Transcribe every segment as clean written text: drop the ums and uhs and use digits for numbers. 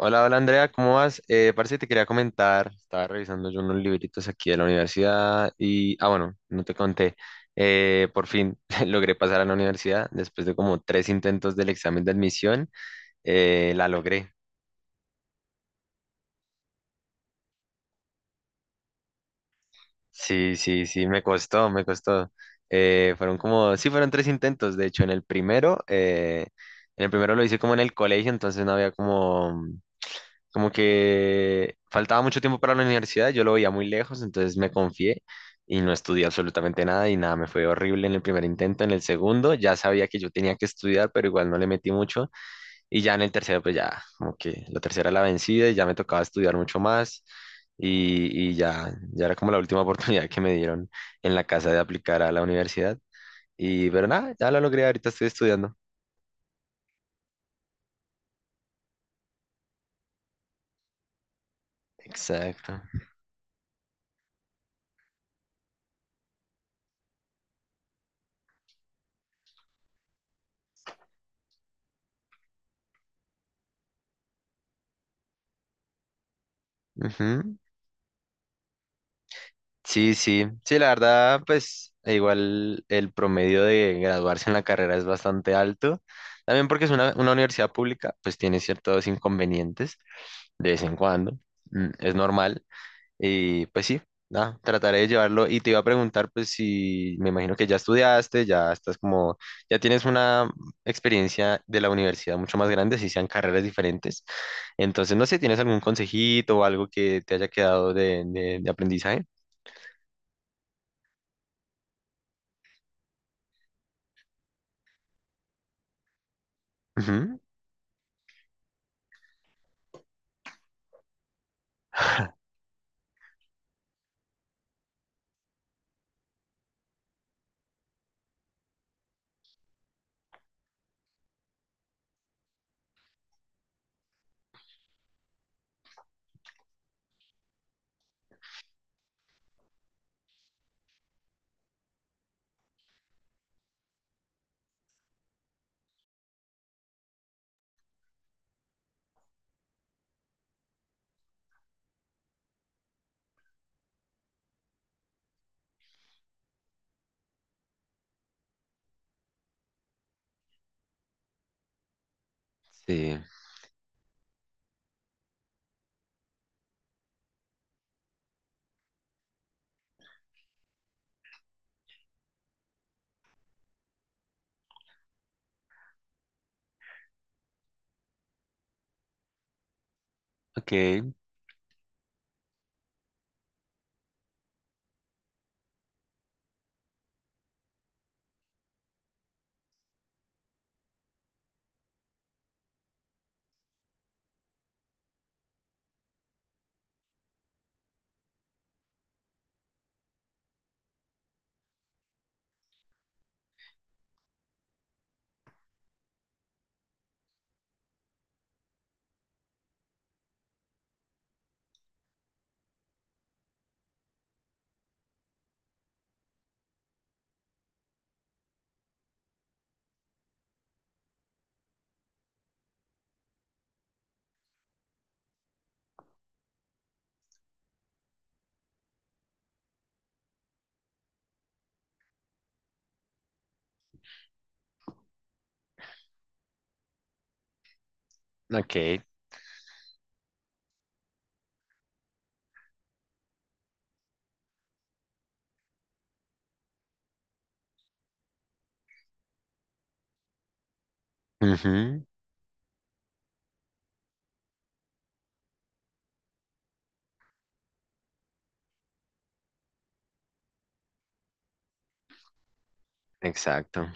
Hola, hola Andrea, ¿cómo vas? Parece que te quería comentar, estaba revisando yo unos libritos aquí de la universidad y bueno, no te conté, por fin logré pasar a la universidad después de como tres intentos del examen de admisión, la logré. Sí, sí, sí, me costó, me costó. Fueron tres intentos, de hecho, en el primero lo hice como en el colegio, entonces no había como que faltaba mucho tiempo para la universidad, yo lo veía muy lejos, entonces me confié y no estudié absolutamente nada. Me fue horrible en el primer intento. En el segundo ya sabía que yo tenía que estudiar, pero igual no le metí mucho. Y ya en el tercero, pues ya como que la tercera la vencida y ya me tocaba estudiar mucho más, y ya era como la última oportunidad que me dieron en la casa de aplicar a la universidad. Pero nada, ya lo logré, ahorita estoy estudiando. Exacto. Ujú. Sí, sí, sí, la verdad, pues igual el promedio de graduarse en la carrera es bastante alto. También porque es una universidad pública, pues tiene ciertos inconvenientes de vez en cuando, mm, es normal. Y pues sí, nada, trataré de llevarlo. Y te iba a preguntar, pues si me imagino que ya estudiaste, ya estás como, ya tienes una experiencia de la universidad mucho más grande, si sean carreras diferentes. Entonces, no sé, ¿tienes algún consejito o algo que te haya quedado de, de aprendizaje? Ujú. Sí, ok, ok. Ujú. Exacto.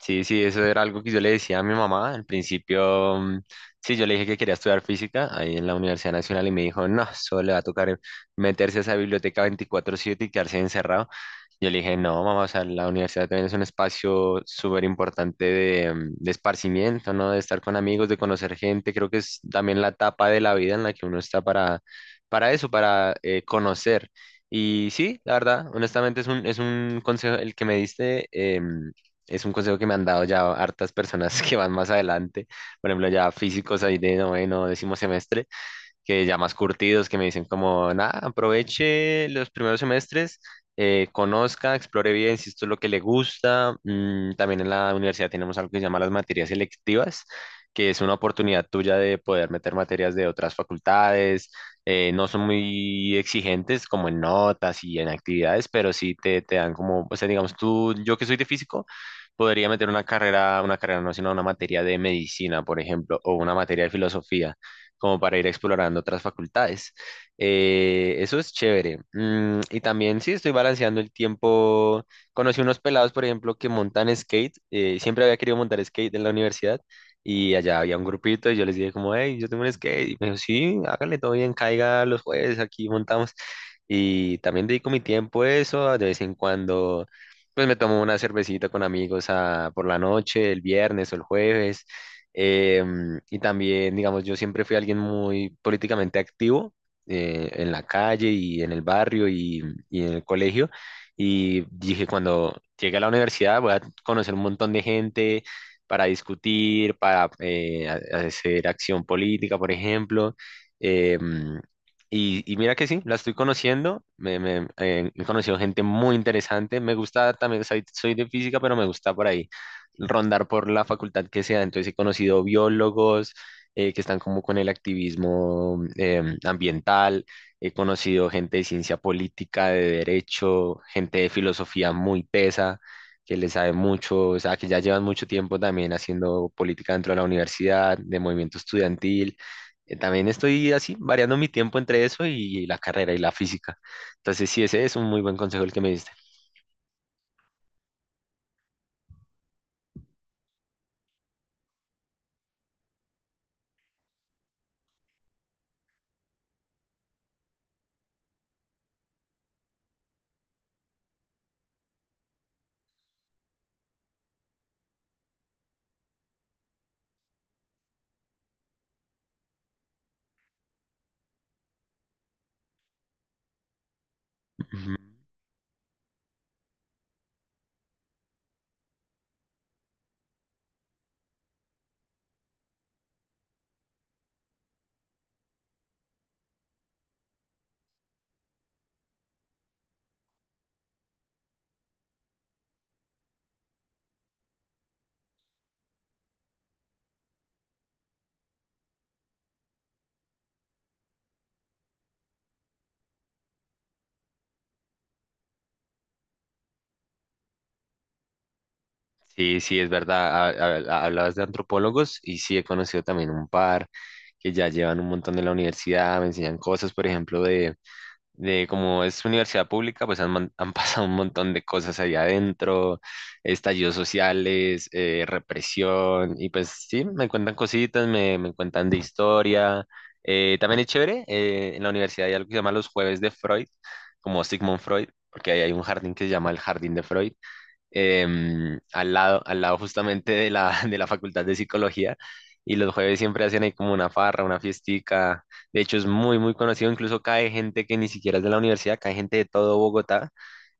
Sí, sí, eso era algo que yo le decía a mi mamá. Al principio, mm, sí, yo le dije que quería estudiar física ahí en la Universidad Nacional y me dijo, no, solo le va a tocar meterse a esa biblioteca 24/7 y quedarse encerrado. Yo le dije, no, mamá, o sea, la universidad también es un espacio súper importante de, mm, de esparcimiento, ¿no? De estar con amigos, de conocer gente. Creo que es también la etapa de la vida en la que uno está para eso, para conocer. Y sí, la verdad, honestamente es un consejo el que me diste. Es un consejo que me han dado ya hartas personas que van más adelante, por ejemplo, ya físicos ahí de noveno, décimo semestre, que ya más curtidos, que me dicen como, nada, aproveche los primeros semestres, conozca, explore bien si esto es lo que le gusta. Mm, también en la universidad tenemos algo que se llama las materias selectivas, que es una oportunidad tuya de poder meter materias de otras facultades. No son muy exigentes como en notas y en actividades, pero sí te dan como, o sea, digamos, tú, yo que soy de físico, podría meter una carrera no, sino una materia de medicina, por ejemplo, o una materia de filosofía como para ir explorando otras facultades. Eso es chévere. Mm, y también sí estoy balanceando el tiempo. Conocí unos pelados, por ejemplo, que montan skate. Siempre había querido montar skate en la universidad y allá había un grupito y yo les dije como, hey, yo tengo un skate. Y me dijo, sí, hágale todo bien, caiga los jueves, aquí montamos. Y también dedico mi tiempo a eso, de vez en cuando, pues me tomo una cervecita con amigos por la noche, el viernes o el jueves. Eh, y también, digamos, yo siempre fui alguien muy políticamente activo en la calle y en el barrio y en el colegio. Y dije, cuando llegue a la universidad voy a conocer un montón de gente para discutir, para hacer acción política, por ejemplo. Em, y mira que sí, la estoy conociendo, he conocido gente muy interesante, me gusta también, soy de física, pero me gusta por ahí rondar por la facultad que sea. Entonces he conocido biólogos que están como con el activismo ambiental, he conocido gente de ciencia política, de derecho, gente de filosofía muy tesa, que le sabe mucho, o sea, que ya llevan mucho tiempo también haciendo política dentro de la universidad, de movimiento estudiantil. También estoy así, variando mi tiempo entre eso y la carrera y la física. Entonces sí, ese es un muy buen consejo el que me diste. Ujú. Sí, sí, es verdad. Hablabas de antropólogos y sí he conocido también un par que ya llevan un montón de la universidad, me enseñan cosas, por ejemplo, de como es universidad pública, pues han pasado un montón de cosas ahí adentro, estallidos sociales, represión, y pues sí, me cuentan cositas, me cuentan de historia. También es chévere, en la universidad hay algo que se llama los jueves de Freud, como Sigmund Freud, porque ahí hay un jardín que se llama el Jardín de Freud, al lado justamente de la, de la Facultad de Psicología. Y los jueves siempre hacen ahí como una farra, una fiestica. De hecho, es muy, muy conocido. Incluso cae gente que ni siquiera es de la universidad, cae gente de todo Bogotá.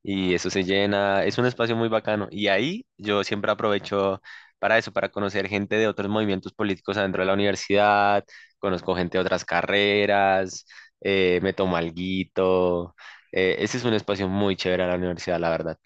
Y eso se llena. Es un espacio muy bacano. Y ahí yo siempre aprovecho para eso, para conocer gente de otros movimientos políticos adentro de la universidad. Conozco gente de otras carreras. Me tomo alguito. Ese es un espacio muy chévere a la universidad, la verdad.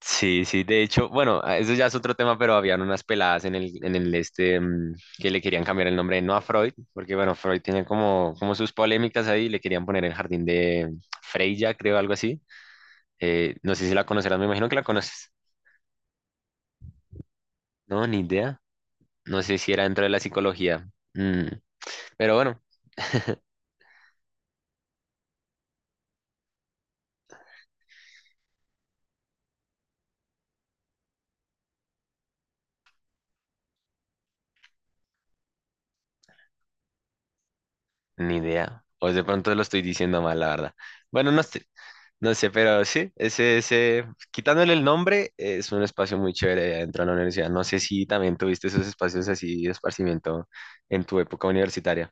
Sí, sí, de hecho, bueno, eso ya es otro tema, pero habían unas peladas en el este, mm, que le querían cambiar el nombre, no a Freud, porque bueno, Freud tiene como, como sus polémicas ahí, le querían poner el jardín de Freya, creo, algo así. No sé si la conocerás, me imagino que la conoces. No, ni idea. No sé si era dentro de la psicología. Mm, pero bueno, ni idea. O de pronto lo estoy diciendo mal, la verdad. Bueno, no sé. No sé, pero sí, ese, quitándole el nombre, es un espacio muy chévere dentro de la universidad. No sé si también tuviste esos espacios así de esparcimiento en tu época universitaria.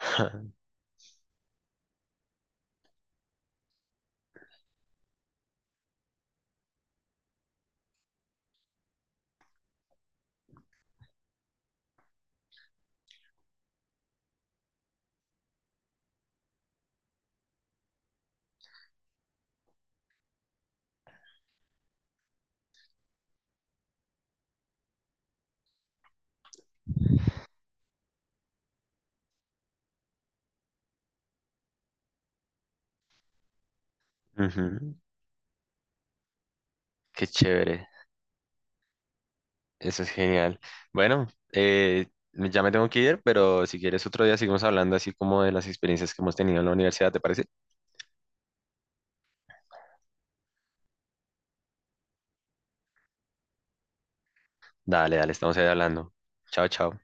Ujú. Qué chévere, eso es genial. Bueno, eh, ya me tengo que ir, pero si quieres otro día seguimos hablando así como de las experiencias que hemos tenido en la universidad, ¿te parece? Dale, dale, estamos ahí hablando. Chao, chao.